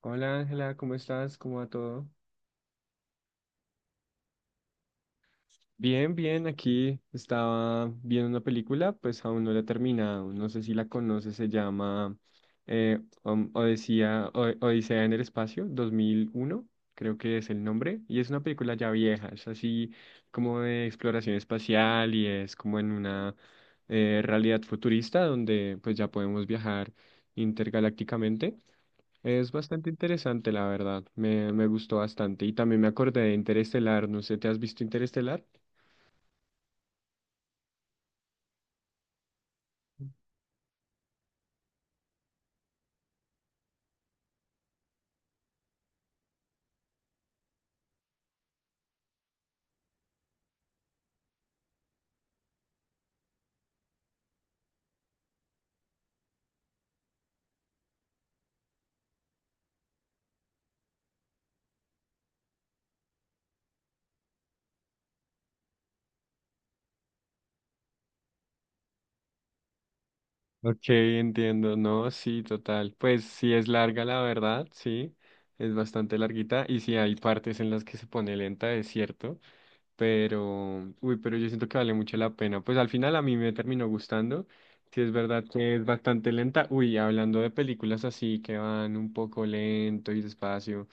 Hola Ángela, ¿cómo estás? ¿Cómo va todo? Bien, bien, aquí estaba viendo una película, pues aún no la he terminado, no sé si la conoces, se llama Odisea, Odisea en el espacio, 2001 creo que es el nombre, y es una película ya vieja, es así como de exploración espacial y es como en una realidad futurista donde pues ya podemos viajar intergalácticamente. Es bastante interesante, la verdad. Me gustó bastante. Y también me acordé de Interestelar. No sé, ¿te has visto Interestelar? Ok, entiendo, no, sí, total. Pues sí es larga, la verdad, sí, es bastante larguita y sí hay partes en las que se pone lenta, es cierto, pero, uy, pero yo siento que vale mucho la pena. Pues al final a mí me terminó gustando, sí es verdad que es bastante lenta. Uy, hablando de películas así que van un poco lento y despacio,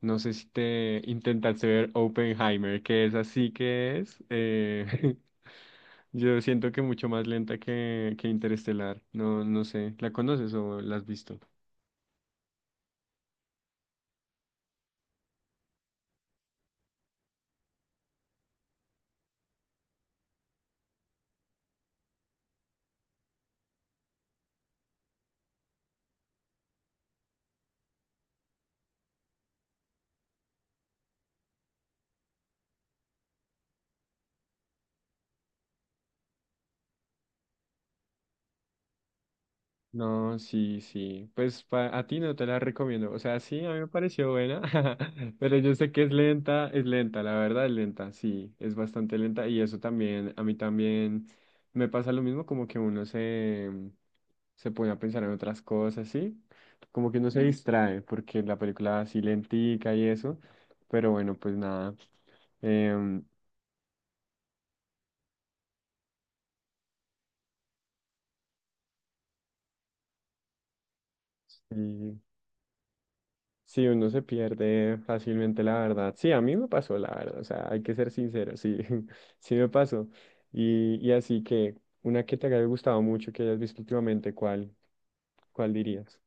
no sé si te intentaste ver Oppenheimer, que es así que es. Yo siento que mucho más lenta que Interestelar. No, no sé. ¿La conoces o la has visto? No, sí, sí. Pues a ti no te la recomiendo. O sea, sí, a mí me pareció buena, pero yo sé que es lenta, la verdad es lenta, sí, es bastante lenta y eso también, a mí también me pasa lo mismo, como que se pone a pensar en otras cosas, ¿sí? Como que uno se distrae porque la película así lentica y eso, pero bueno, pues nada. em, sí. Sí, uno se pierde fácilmente, la verdad. Sí, a mí me pasó, la verdad. O sea, hay que ser sincero, sí, sí me pasó. Y así que, una que te haya gustado mucho, que hayas visto últimamente, ¿cuál dirías?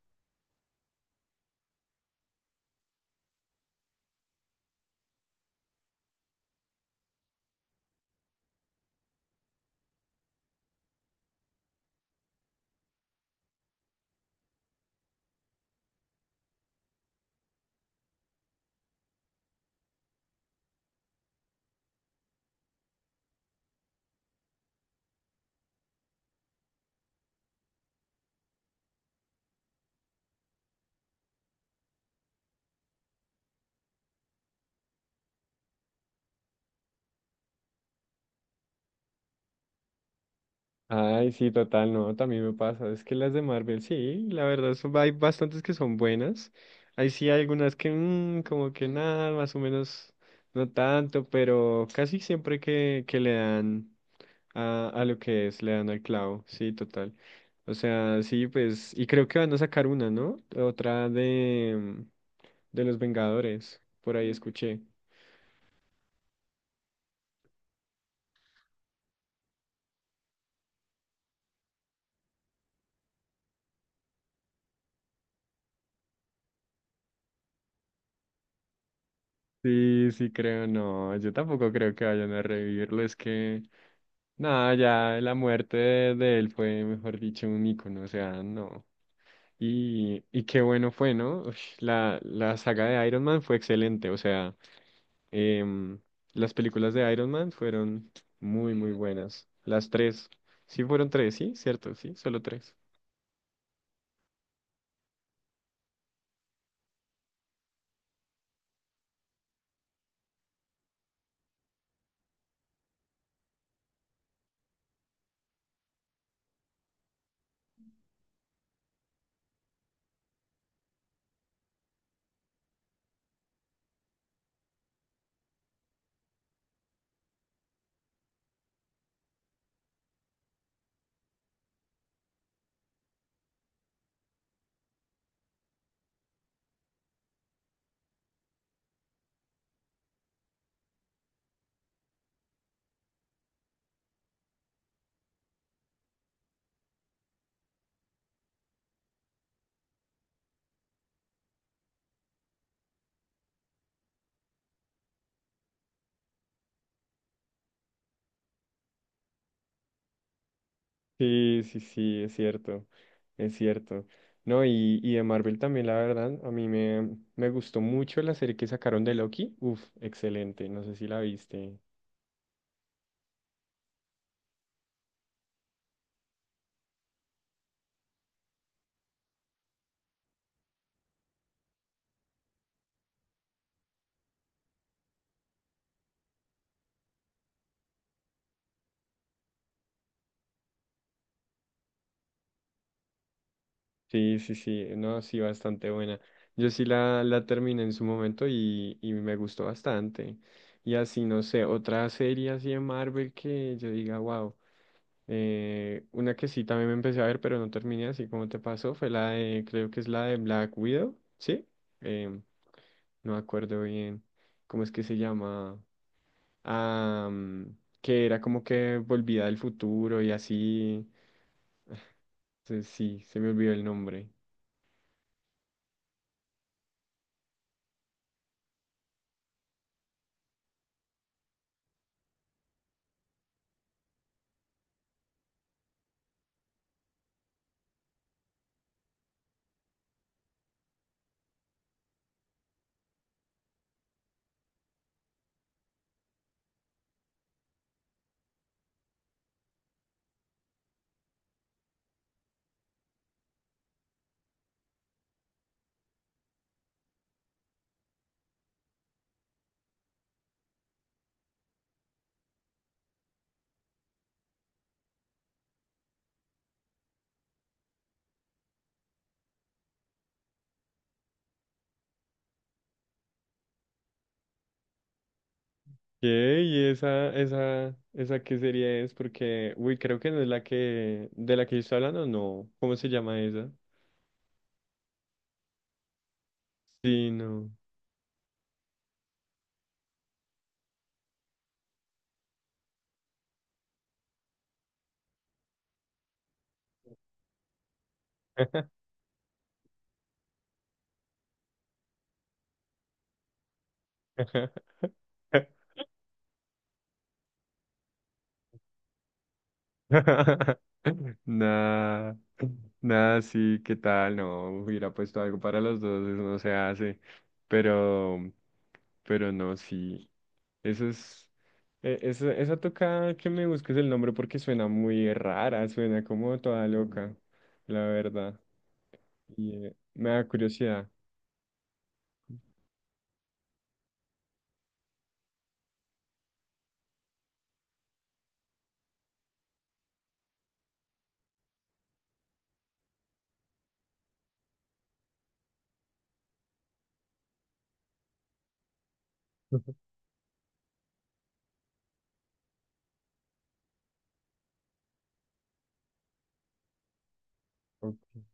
Ay, sí, total, no, también me pasa. Es que las de Marvel, sí, la verdad, hay bastantes que son buenas. Ahí sí hay algunas que, mm, como que nada, más o menos, no tanto, pero casi siempre que le dan. A lo que es, le dan al clavo, sí, total. O sea, sí, pues, y creo que van a sacar una, ¿no? Otra de los Vengadores, por ahí escuché. Sí, sí, creo, no, yo tampoco creo que vayan a revivirlo, es que, nada, ya la muerte de él fue, mejor dicho, un icono, o sea, no. Y qué bueno fue, ¿no? Ush, la saga de Iron Man fue excelente, o sea. Em, las películas de Iron Man fueron muy, muy buenas. Las tres. Sí, fueron tres, sí, cierto, sí, solo tres. Sí, sí, sí, es cierto, es cierto. No, y de Marvel también, la verdad, a mí me gustó mucho la serie que sacaron de Loki. Uf, excelente, no sé si la viste. Sí, sí, sí, no, sí, bastante buena. Yo sí la terminé en su momento y me gustó bastante. Y así, no sé, otra serie así de Marvel que yo diga, wow. Una que sí también me empecé a ver, pero no terminé, así como te pasó, fue la de, creo que es la de Black Widow, ¿sí? Em, no me acuerdo bien cómo es que se llama. Ah, mm, que era como que volvía del futuro y así. Sí, se me olvidó el nombre. ¿Qué? ¿Y esa qué serie es? Porque, uy, creo que no es la que, de la que yo estoy hablando, no. ¿Cómo se llama esa? Sí, no. Nada, nada, sí, ¿qué tal? No, hubiera puesto algo para los dos, eso no se hace. Pero, pero no, sí. Eso es, esa, esa toca que me busques el nombre porque suena muy rara, suena como toda loca, la verdad. Y me da curiosidad. Ok.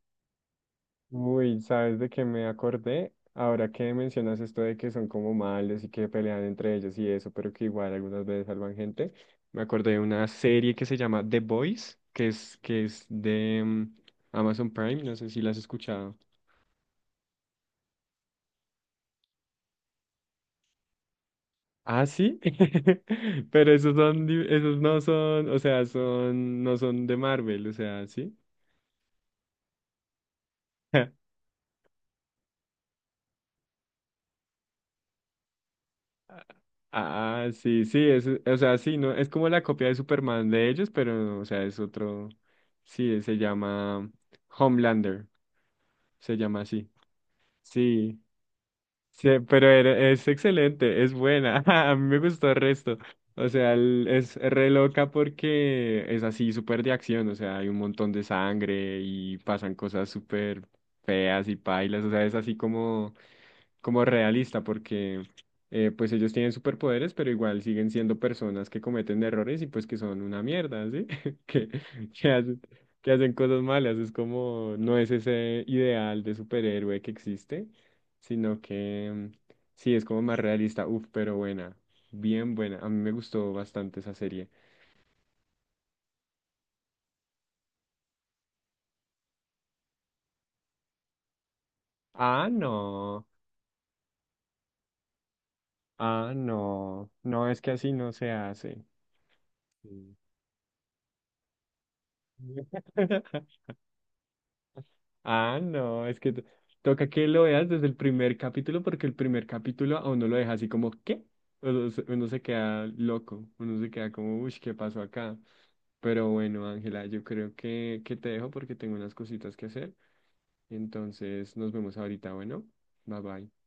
Uy, ¿sabes de qué me acordé? Ahora que mencionas esto de que son como malos y que pelean entre ellos y eso, pero que igual algunas veces salvan gente, me acordé de una serie que se llama The Boys, que es de mm, Amazon Prime, no sé si la has escuchado. Ah, sí, pero esos son, esos no son, o sea, son, no son de Marvel, o sea, sí. Ah, ah, sí, sí, es, o sea, sí, no, es como la copia de Superman de ellos, pero, o sea, es otro, sí, se llama Homelander, se llama así, sí, sí, pero es excelente, es buena, a mí me gustó el resto, o sea, es re loca porque es así, súper de acción, o sea, hay un montón de sangre y pasan cosas súper feas y pailas, o sea, es así como como realista, porque pues ellos tienen superpoderes, pero igual siguen siendo personas que cometen errores y pues que son una mierda, ¿sí? Que, que hacen, que hacen cosas malas. Es como, no es ese ideal de superhéroe que existe, sino que mm, sí, es como más realista. Uf, pero buena, bien buena. A mí me gustó bastante esa serie. Ah, no, ah, no, no, es que así no se hace. Sí. Ah, no, es que toca que lo veas desde el primer capítulo porque el primer capítulo a uno lo deja así como, ¿qué? Uno se queda loco, uno se queda como, uy, ¿qué pasó acá? Pero bueno, Ángela, yo creo que te dejo porque tengo unas cositas que hacer. Entonces nos vemos ahorita, bueno, bye bye.